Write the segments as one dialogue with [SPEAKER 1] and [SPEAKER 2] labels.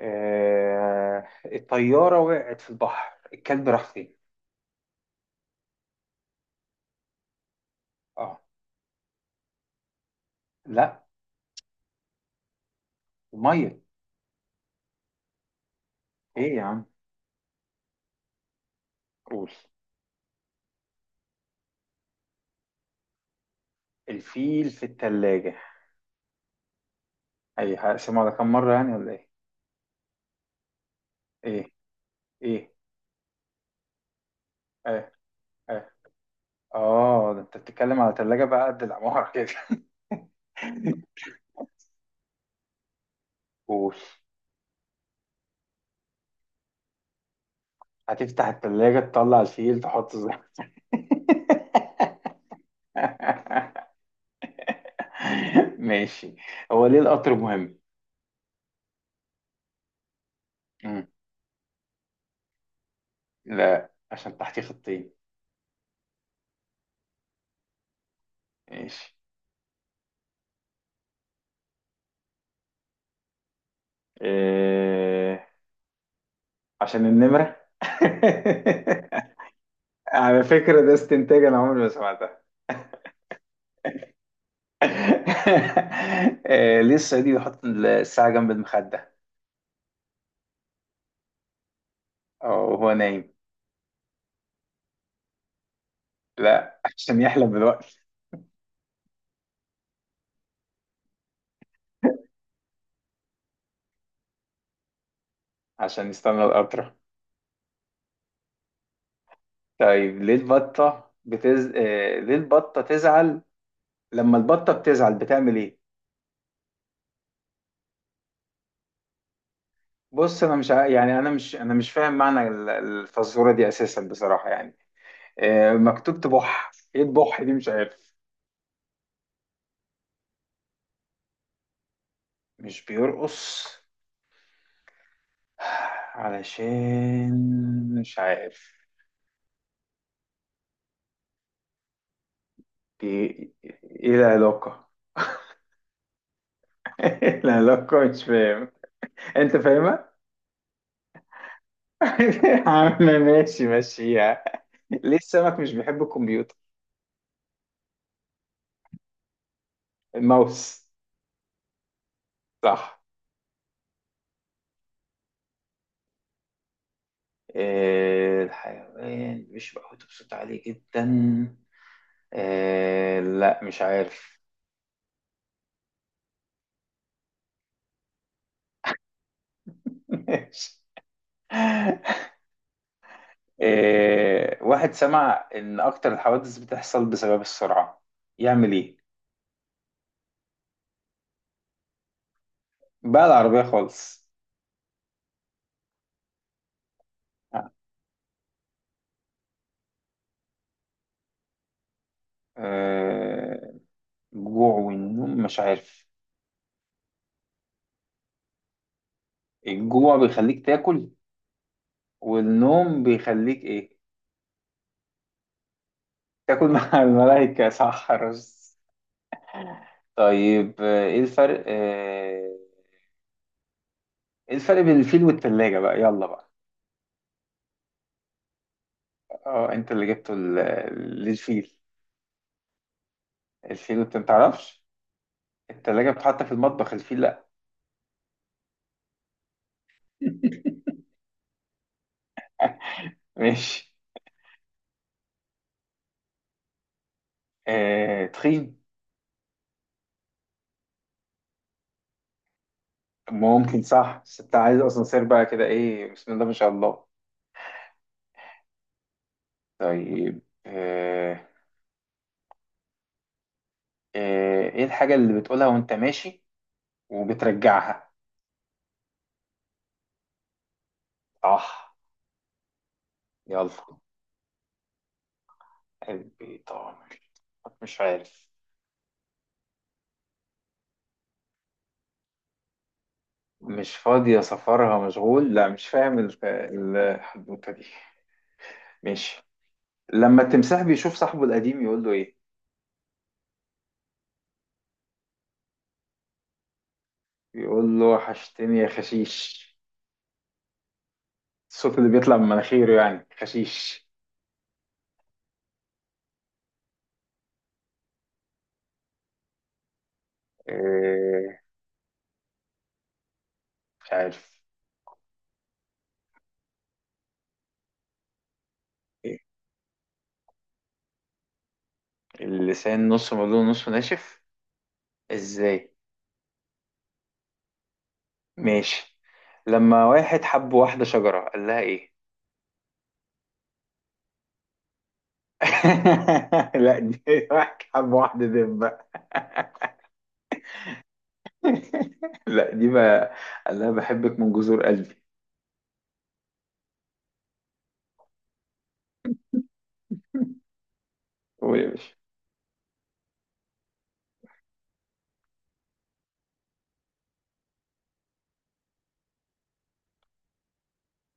[SPEAKER 1] آه، الطيارة وقعت في البحر، الكلب راح فين؟ اه. لا. المية. ايه يا عم؟ قول. الفيل في التلاجة. اي هقسمها على كام مرة يعني ولا ايه؟ ايه. ايه. اه. اه. اه، ده انت بتتكلم على تلاجة بقى قد العمارة كده. قول. هتفتح التلاجة، تطلع الفيل، تحطه زي. ماشي. هو ليه القطر مهم؟ مم. لا، عشان تحتيه خطين. ماشي. إيه، عشان النمرة. على فكرة ده استنتاج، أنا عمري ما سمعتها. إيه، ليه الصعيدي بيحط الساعة جنب المخدة وهو نايم؟ لا، عشان يحلم بالوقت. عشان يستنى القطرة. طيب، ليه البطة إيه، ليه البطة تزعل؟ لما البطة بتزعل بتعمل إيه؟ بص، أنا مش ع- يعني أنا مش فاهم معنى الفزورة دي أساسا بصراحة يعني. إيه مكتوب تبح؟ إيه تبح دي مش عارف. مش بيرقص. علشان مش عارف. بي... ايه العلاقة؟ إيه العلاقة؟ مش فاهم. انت فاهمها. عامة، ماشي، ماشيها. ليه السمك مش بيحب الكمبيوتر؟ الماوس. صح. إيه الحيوان مش بقوته بصوت عالي جدا؟ إيه، لا مش عارف. ماشي. إيه، واحد سمع إن أكتر الحوادث بتحصل بسبب السرعة، يعمل إيه؟ بقى العربية خالص. إيه الجوع والنوم؟ مش عارف. الجوع بيخليك تاكل، والنوم بيخليك إيه؟ تاكل مع الملائكة. صح، رز. طيب، إيه الفرق؟ إيه، إيه الفرق بين الفيل والتلاجة بقى، يلا بقى. أه، أنت اللي جبته للفيل، الفيل أنت متعرفش. التلاجة بتتحط في المطبخ، الفيل لأ. ماشي. آه، تخين. ممكن صح، بس انت عايز اصلا سير بقى كده، ايه، بسم الله ما شاء الله. طيب، ايه الحاجة اللي بتقولها وانت ماشي وبترجعها؟ صح. يلا. قلبي طامر. مش عارف. مش فاضية سفرها مشغول، لا مش فاهم الحدوتة دي. ماشي. لما التمساح بيشوف صاحبه القديم يقول له ايه؟ بيقول له وحشتني يا خشيش. الصوت اللي بيطلع من مناخيره يعني خشيش. آه، مش عارف. اللسان نص مبلول نص ناشف، ازاي؟ ماشي. لما واحد حب واحدة شجرة قال لها ايه؟ لا، دي واحد حب واحدة دبة. لا دي بقى، قال لها بحبك من جذور قلبي. قول يا باشا.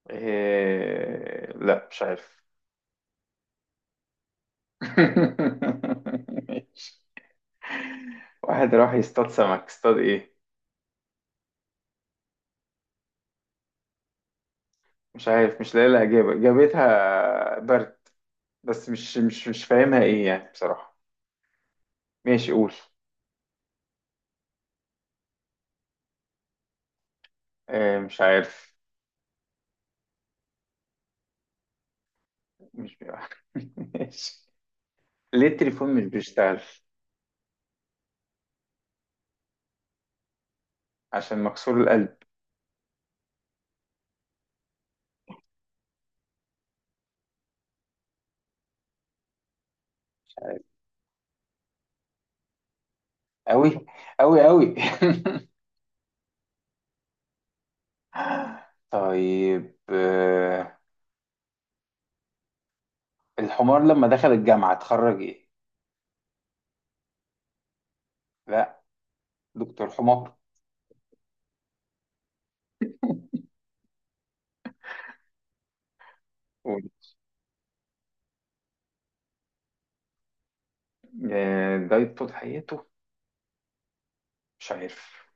[SPEAKER 1] لا مش عارف. ماشي. واحد راح يصطاد سمك اصطاد ايه؟ مش عارف، مش لاقي لها اجابة، جابتها برد، بس مش فاهمها ايه يعني بصراحة. ماشي، قول. مش عارف. مش. ماشي. ليه التليفون مش بيشتغل؟ عشان مكسور القلب. مش عارف. أوي. أوي أوي. طيب، الحمار لما دخل الجامعة اتخرج إيه؟ لا، دكتور حمار. قول. ده طول حياته؟ مش عارف.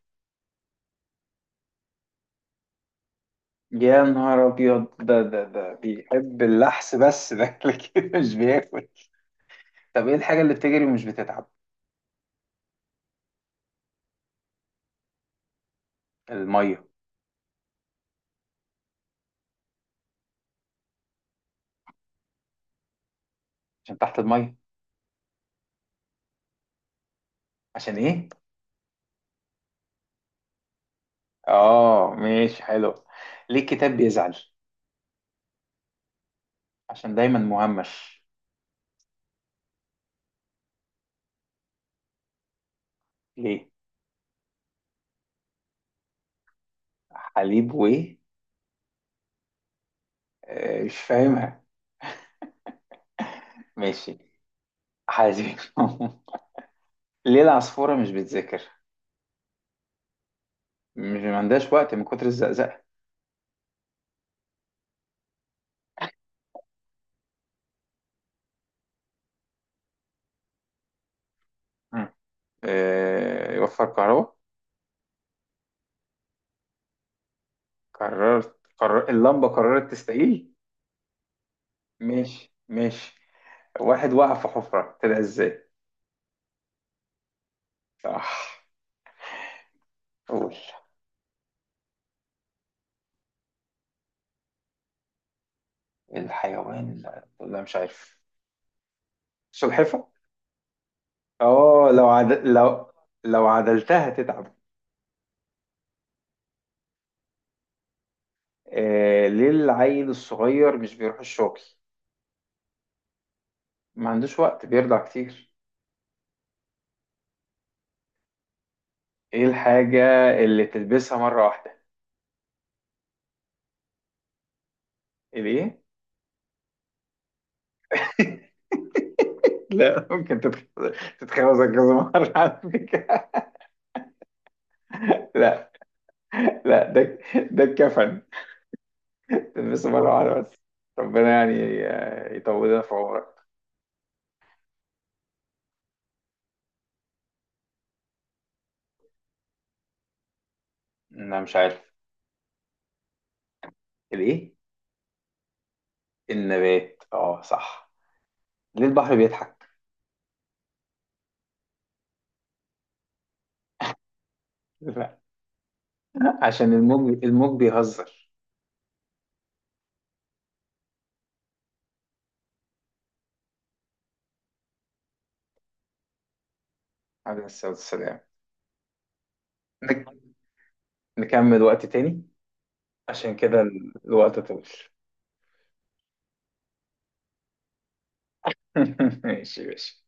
[SPEAKER 1] يا نهار أبيض، ده بيحب اللحس بس ده لكن مش بياكل. طب إيه الحاجة اللي بتجري ومش بتتعب؟ المية. عشان تحت المية. عشان إيه؟ اه، ماشي حلو. ليه الكتاب بيزعل؟ عشان دايما مهمش. ليه؟ حليب وايه؟ مش فاهمها. ماشي. حليب. ليه العصفورة مش بتذاكر؟ مش، ما عندهاش وقت من كتر الزقزقة. مم. يوفر كهرباء. قرر اللمبة، قررت تستقيل. ماشي، ماشي. واحد وقع في حفرة طلع ازاي؟ صح. قول. الحيوان، لا مش عارف. سلحفة. اه، لو عد... لو لو عدلتها تتعب. ليه العيل الصغير مش بيروح الشغل؟ ما عندوش وقت، بيرضع كتير. ايه الحاجة اللي تلبسها مرة واحدة؟ الايه؟ لا، ممكن تتخوزك كذا مرة على فكرة. لا. لا، ده الكفن، تلبسه مرة واحدة بس. ربنا يعني يطولنا في عمرك. انا مش عارف. الايه؟ النبات. اه صح. ليه البحر بيضحك؟ لا، عشان الموج بيهزر. عليه الصلاة والسلام. نك- نكمل وقت تاني، عشان كده الوقت طويل. ماشي، ماشي.